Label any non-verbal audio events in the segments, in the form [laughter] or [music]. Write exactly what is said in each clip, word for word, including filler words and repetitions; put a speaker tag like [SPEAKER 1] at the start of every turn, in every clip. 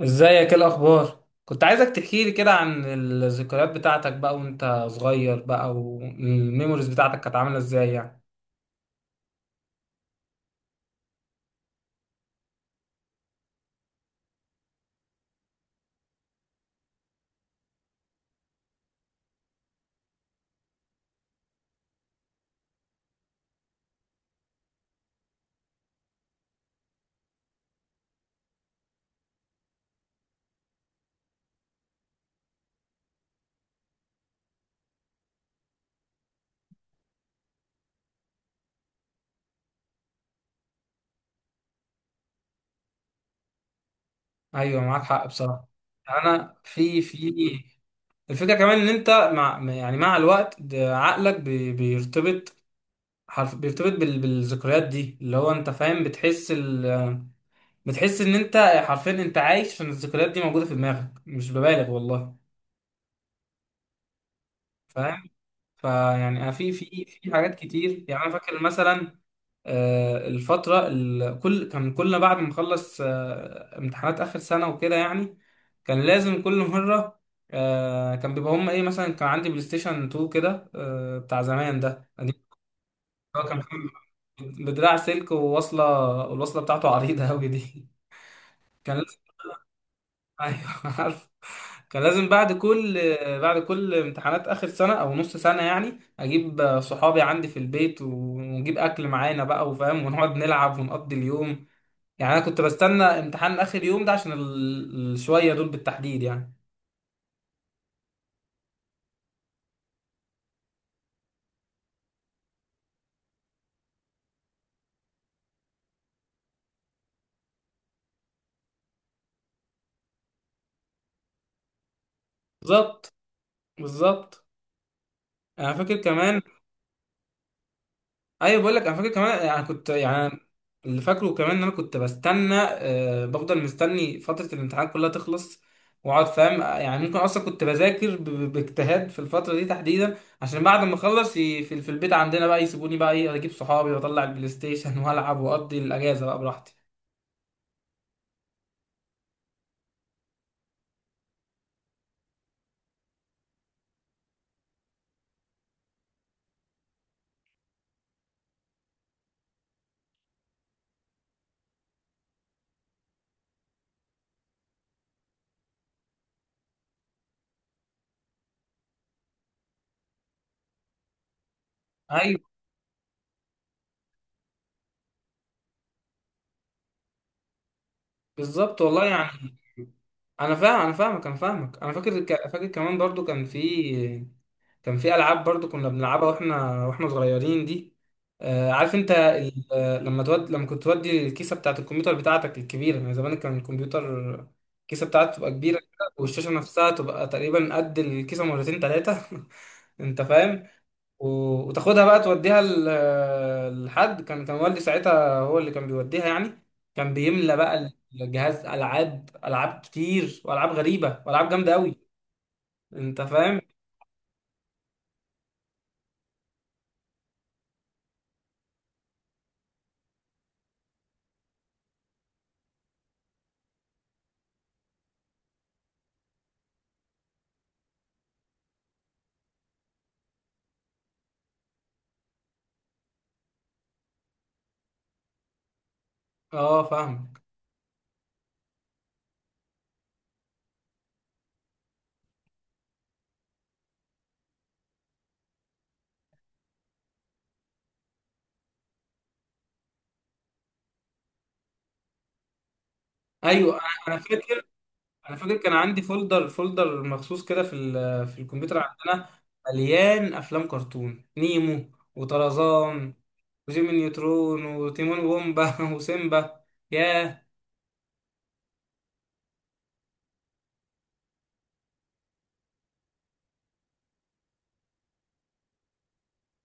[SPEAKER 1] ازيك؟ ايه الاخبار؟ كنت عايزك تحكي لي كده عن الذكريات بتاعتك بقى وانت صغير بقى، والميموريز بتاعتك كانت عامله ازاي يعني. ايوه معاك حق بصراحه. انا في في الفكره كمان ان انت مع يعني مع الوقت ده عقلك بي- بيرتبط حرف بيرتبط بال- بالذكريات دي، اللي هو انت فاهم، بتحس ال... بتحس ان انت حرفيا انت عايش، عشان الذكريات دي موجوده في دماغك، مش ببالغ والله، فاهم. فيعني أنا في في في حاجات كتير، يعني انا فاكر مثلا آه، الفترة ال- كل كان كلنا بعد ما نخلص آه، امتحانات آخر سنة وكده يعني، كان لازم كل مرة آه، كان بيبقى هما إيه، مثلا كان عندي بلاي ستيشن اتنين كده، آه، بتاع زمان ده قديم. هو كان بدراع سلك، وواصلة الوصلة بتاعته عريضة أوي دي. [laughs] كان لازم. أيوه عارف، كان لازم بعد كل بعد كل امتحانات آخر سنة أو نص سنة يعني أجيب صحابي عندي في البيت، ونجيب أكل معانا بقى وفاهم، ونقعد نلعب ونقضي اليوم. يعني انا كنت بستنى امتحان اخر يوم ده عشان ال- الشويه دول بالتحديد يعني. بالظبط. بالظبط انا فاكر كمان. ايوه بقول لك انا فاكر كمان يعني، كنت يعني اللي فاكره كمان ان انا كنت بستنى، آه بفضل مستني فتره الامتحان كلها تخلص واقعد فاهم، آه، يعني ممكن اصلا كنت بذاكر ب- ب- باجتهاد في الفتره دي تحديدا، عشان بعد ما اخلص ي- في في البيت عندنا بقى يسيبوني بقى ايه اجيب صحابي، واطلع البلاي ستيشن [laughs] والعب واقضي الاجازه بقى براحتي. ايوه بالظبط والله يعني. انا فاهم، انا فاهمك، انا فاهمك، انا فاكر ك- فاكر كمان برضو كان في، كان في العاب برضو كنا بنلعبها واحنا واحنا صغيرين دي. آه عارف انت ال... آه، لما تود لما كنت تودي الكيسه بتاعت الكمبيوتر بتاعتك الكبيره، يعني زمان كان الكمبيوتر الكيسه بتاعته تبقى كبيره كده، والشاشه نفسها تبقى تقريبا قد الكيسه مرتين ثلاثه. [laughs] انت فاهم. و- وتاخدها بقى توديها ل- لحد، كان كان والدي ساعتها هو اللي كان بيوديها يعني، كان بيملى بقى الجهاز العاب، العاب كتير والعاب غريبه، والعاب جامده قوي. انت فاهم. اه فاهم. ايوه انا أنا فاكر. انا فاكر كان عندي فولدر فولدر مخصوص كده في ال- في الكمبيوتر عندنا، مليان افلام كرتون: نيمو، وطرزان، وجيمي نيوترون، وتيمون وومبا، [laughs] وسيمبا. ياه.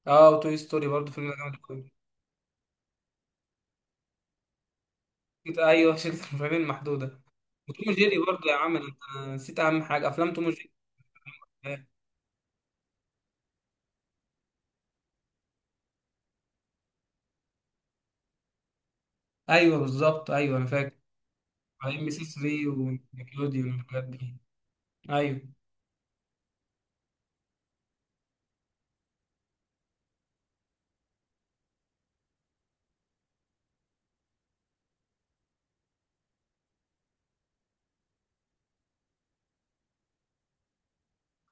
[SPEAKER 1] اه وتوي ستوري برضه فيلم ده جامد. كت- ايوه [laughs] شركه المرعبين المحدوده، وتوم وجيري برضه يا عم انت. نسيت اهم حاجه، افلام توم وجيري. ايوه بالظبط، ايوه انا فاكر، على ام بي سي ثلاثة ونيكلوديون والحاجات دي. ايوه.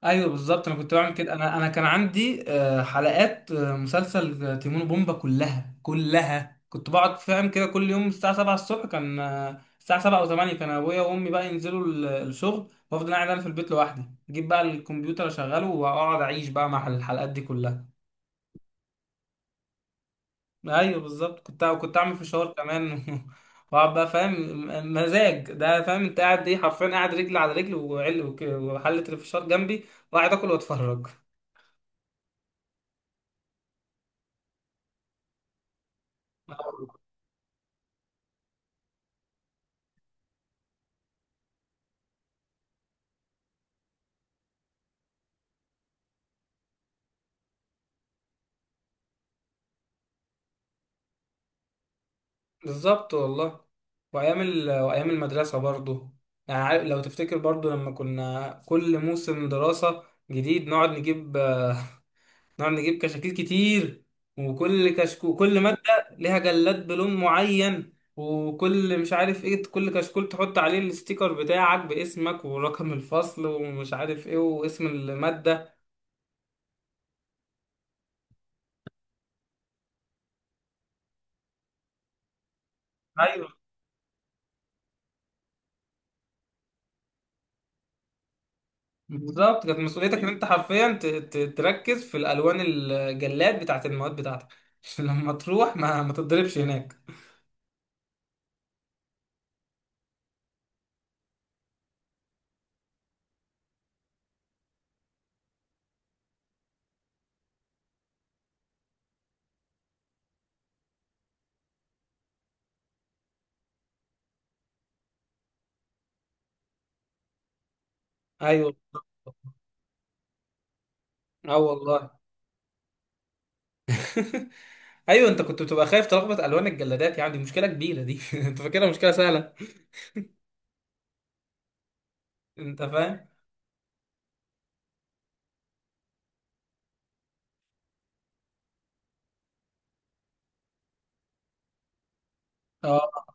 [SPEAKER 1] ايوه بالظبط، انا كنت بعمل كده. انا انا كان عندي آه، حلقات آه، مسلسل آه، تيمون وبومبا كلها، كلها كنت بقعد فاهم كده كل يوم الساعه السابعة الصبح، كان آه، الساعه سبعة او تمانية كان ابويا وامي بقى ينزلوا ال- الشغل، وافضل قاعد انا في البيت لوحدي، اجيب بقى الكمبيوتر اشغله، واقعد اعيش بقى مع الحلقات دي كلها. ايوه بالظبط. كنت كنت اعمل فشار كمان، [laughs] واقعد بقى فاهم م- مزاج ده، فاهم انت قاعد ايه، حرفيا قاعد رجل على رجل، وعل وك- وحله الفشار جنبي، وقاعد اكل واتفرج. بالظبط والله. وايام ال... وايام المدرسه برضو، يعني عارف، لو تفتكر برضو لما كنا كل موسم دراسه جديد نقعد نجيب نقعد نجيب كشاكيل كتير، وكل كشكو كل مادة ليها جلاد بلون معين، وكل مش عارف ايه، كل كشكول تحط عليه الستيكر بتاعك باسمك ورقم الفصل ومش عارف ايه واسم المادة. ايوه بالظبط، كانت مسؤوليتك ان انت حرفيا ت- ت- تركز في الالوان، الجلاد بتاعت المواد بتاعتك، [laughs] عشان لما تروح ما ما تتضربش هناك. ايوه. اه والله. [laughs] ايوه انت كنت بتبقى خايف تلخبط الوان الجلادات، يعني دي مشكله كبيره دي. [laughs] انت فاكرها مشكله سهله؟ انت فاهم. اه.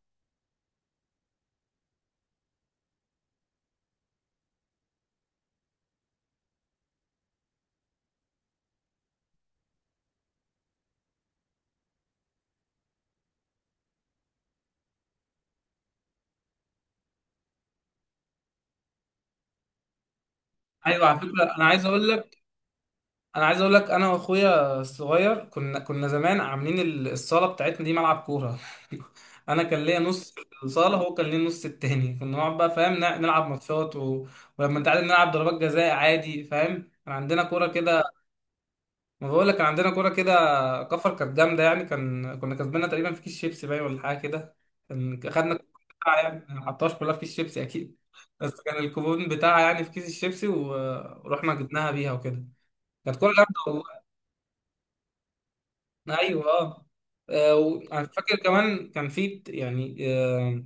[SPEAKER 1] ايوه على فكره انا عايز اقول لك، انا عايز اقول لك، انا واخويا الصغير كنا كنا زمان عاملين ال- الصاله بتاعتنا دي ملعب كوره. [laughs] انا كان ليا نص الصاله، هو كان ليه النص التاني، كنا نقعد بقى فاهم نع- نلعب ماتشات، و... ولما انت عارف، نلعب ضربات جزاء عادي فاهم، كان عندنا كوره كده. ما بقول لك كان عندنا كوره كده، كفر، كانت جامده يعني. كان كنا كسبنا تقريبا في كيس شيبسي، باين ولا حاجه كده. كان خدنا الكوبون بتاعها يعني، ما حطهاش كلها في كيس شيبسي اكيد، بس كان الكوبون بتاعها يعني في كيس الشيبسي، و- ورحنا جبناها بيها وكده. كانت كوره جامده والله. ايوه اه. آه، وانا فاكر كمان كان في يعني آه،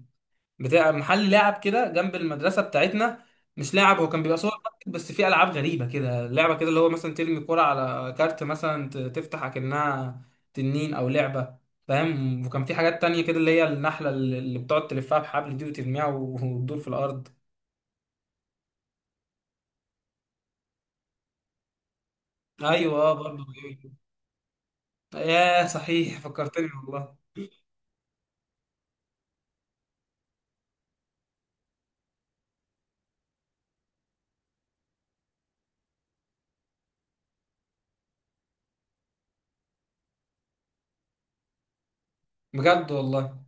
[SPEAKER 1] بتاع محل لعب كده جنب المدرسه بتاعتنا. مش لعب، هو كان بيبقى سوبر ماركت، بس فيه العاب غريبه كده، لعبه كده اللي هو مثلا ترمي كرة على كارت مثلا ت- تفتح اكنها تنين او لعبه، فاهم. وكان في حاجات تانية كده اللي هي النحله، اللي اللي بتقعد تلفها بحبل دي وترميها و- وتدور في الارض. ايوه برضه. ياه صحيح فكرتني والله. بجد والله.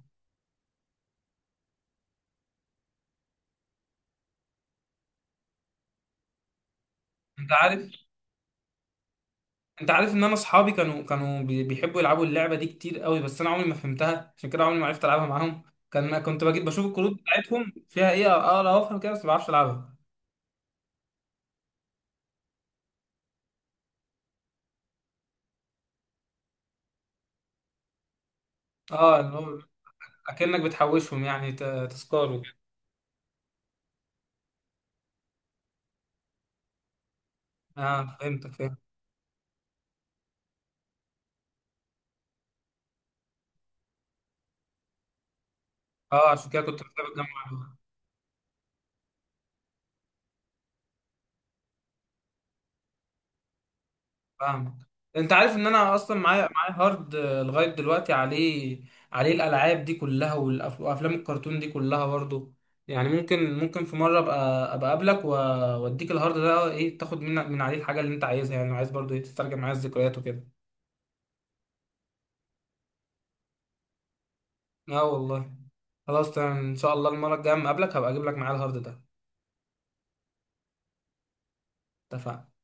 [SPEAKER 1] انت عارف، انت عارف ان انا اصحابي كانوا كانوا بي- بيحبوا يلعبوا اللعبه دي كتير قوي، بس انا عمري ما فهمتها، عشان كده عمري ما عرفت العبها معاهم. كان ما كنت بجيب بشوف الكروت بتاعتهم فيها ايه، اقرا وافهم كده بس ما بعرفش العبها. اه اللي هو اكنك بتحوشهم يعني، ت- تذكار وكده. اه فهمتك فهمت. اه عشان كده كنت محتاج اجمع. فاهمك. انت عارف ان انا اصلا معايا معايا هارد آه، لغايه دلوقتي، عليه، عليه الالعاب دي كلها، والأف- وافلام الكرتون دي كلها برضو. يعني ممكن ممكن في مره ابقى ابقى اقابلك و- واديك الهارد ده ايه، تاخد من من عليه الحاجه اللي انت عايزها، يعني لو عايز برضو ايه تسترجع معايا الذكريات وكده. اه والله. خلاص تمام، ان شاء الله المره الجايه اما اقابلك هبقى اجيب لك معايا الهارد ده. اتفقنا.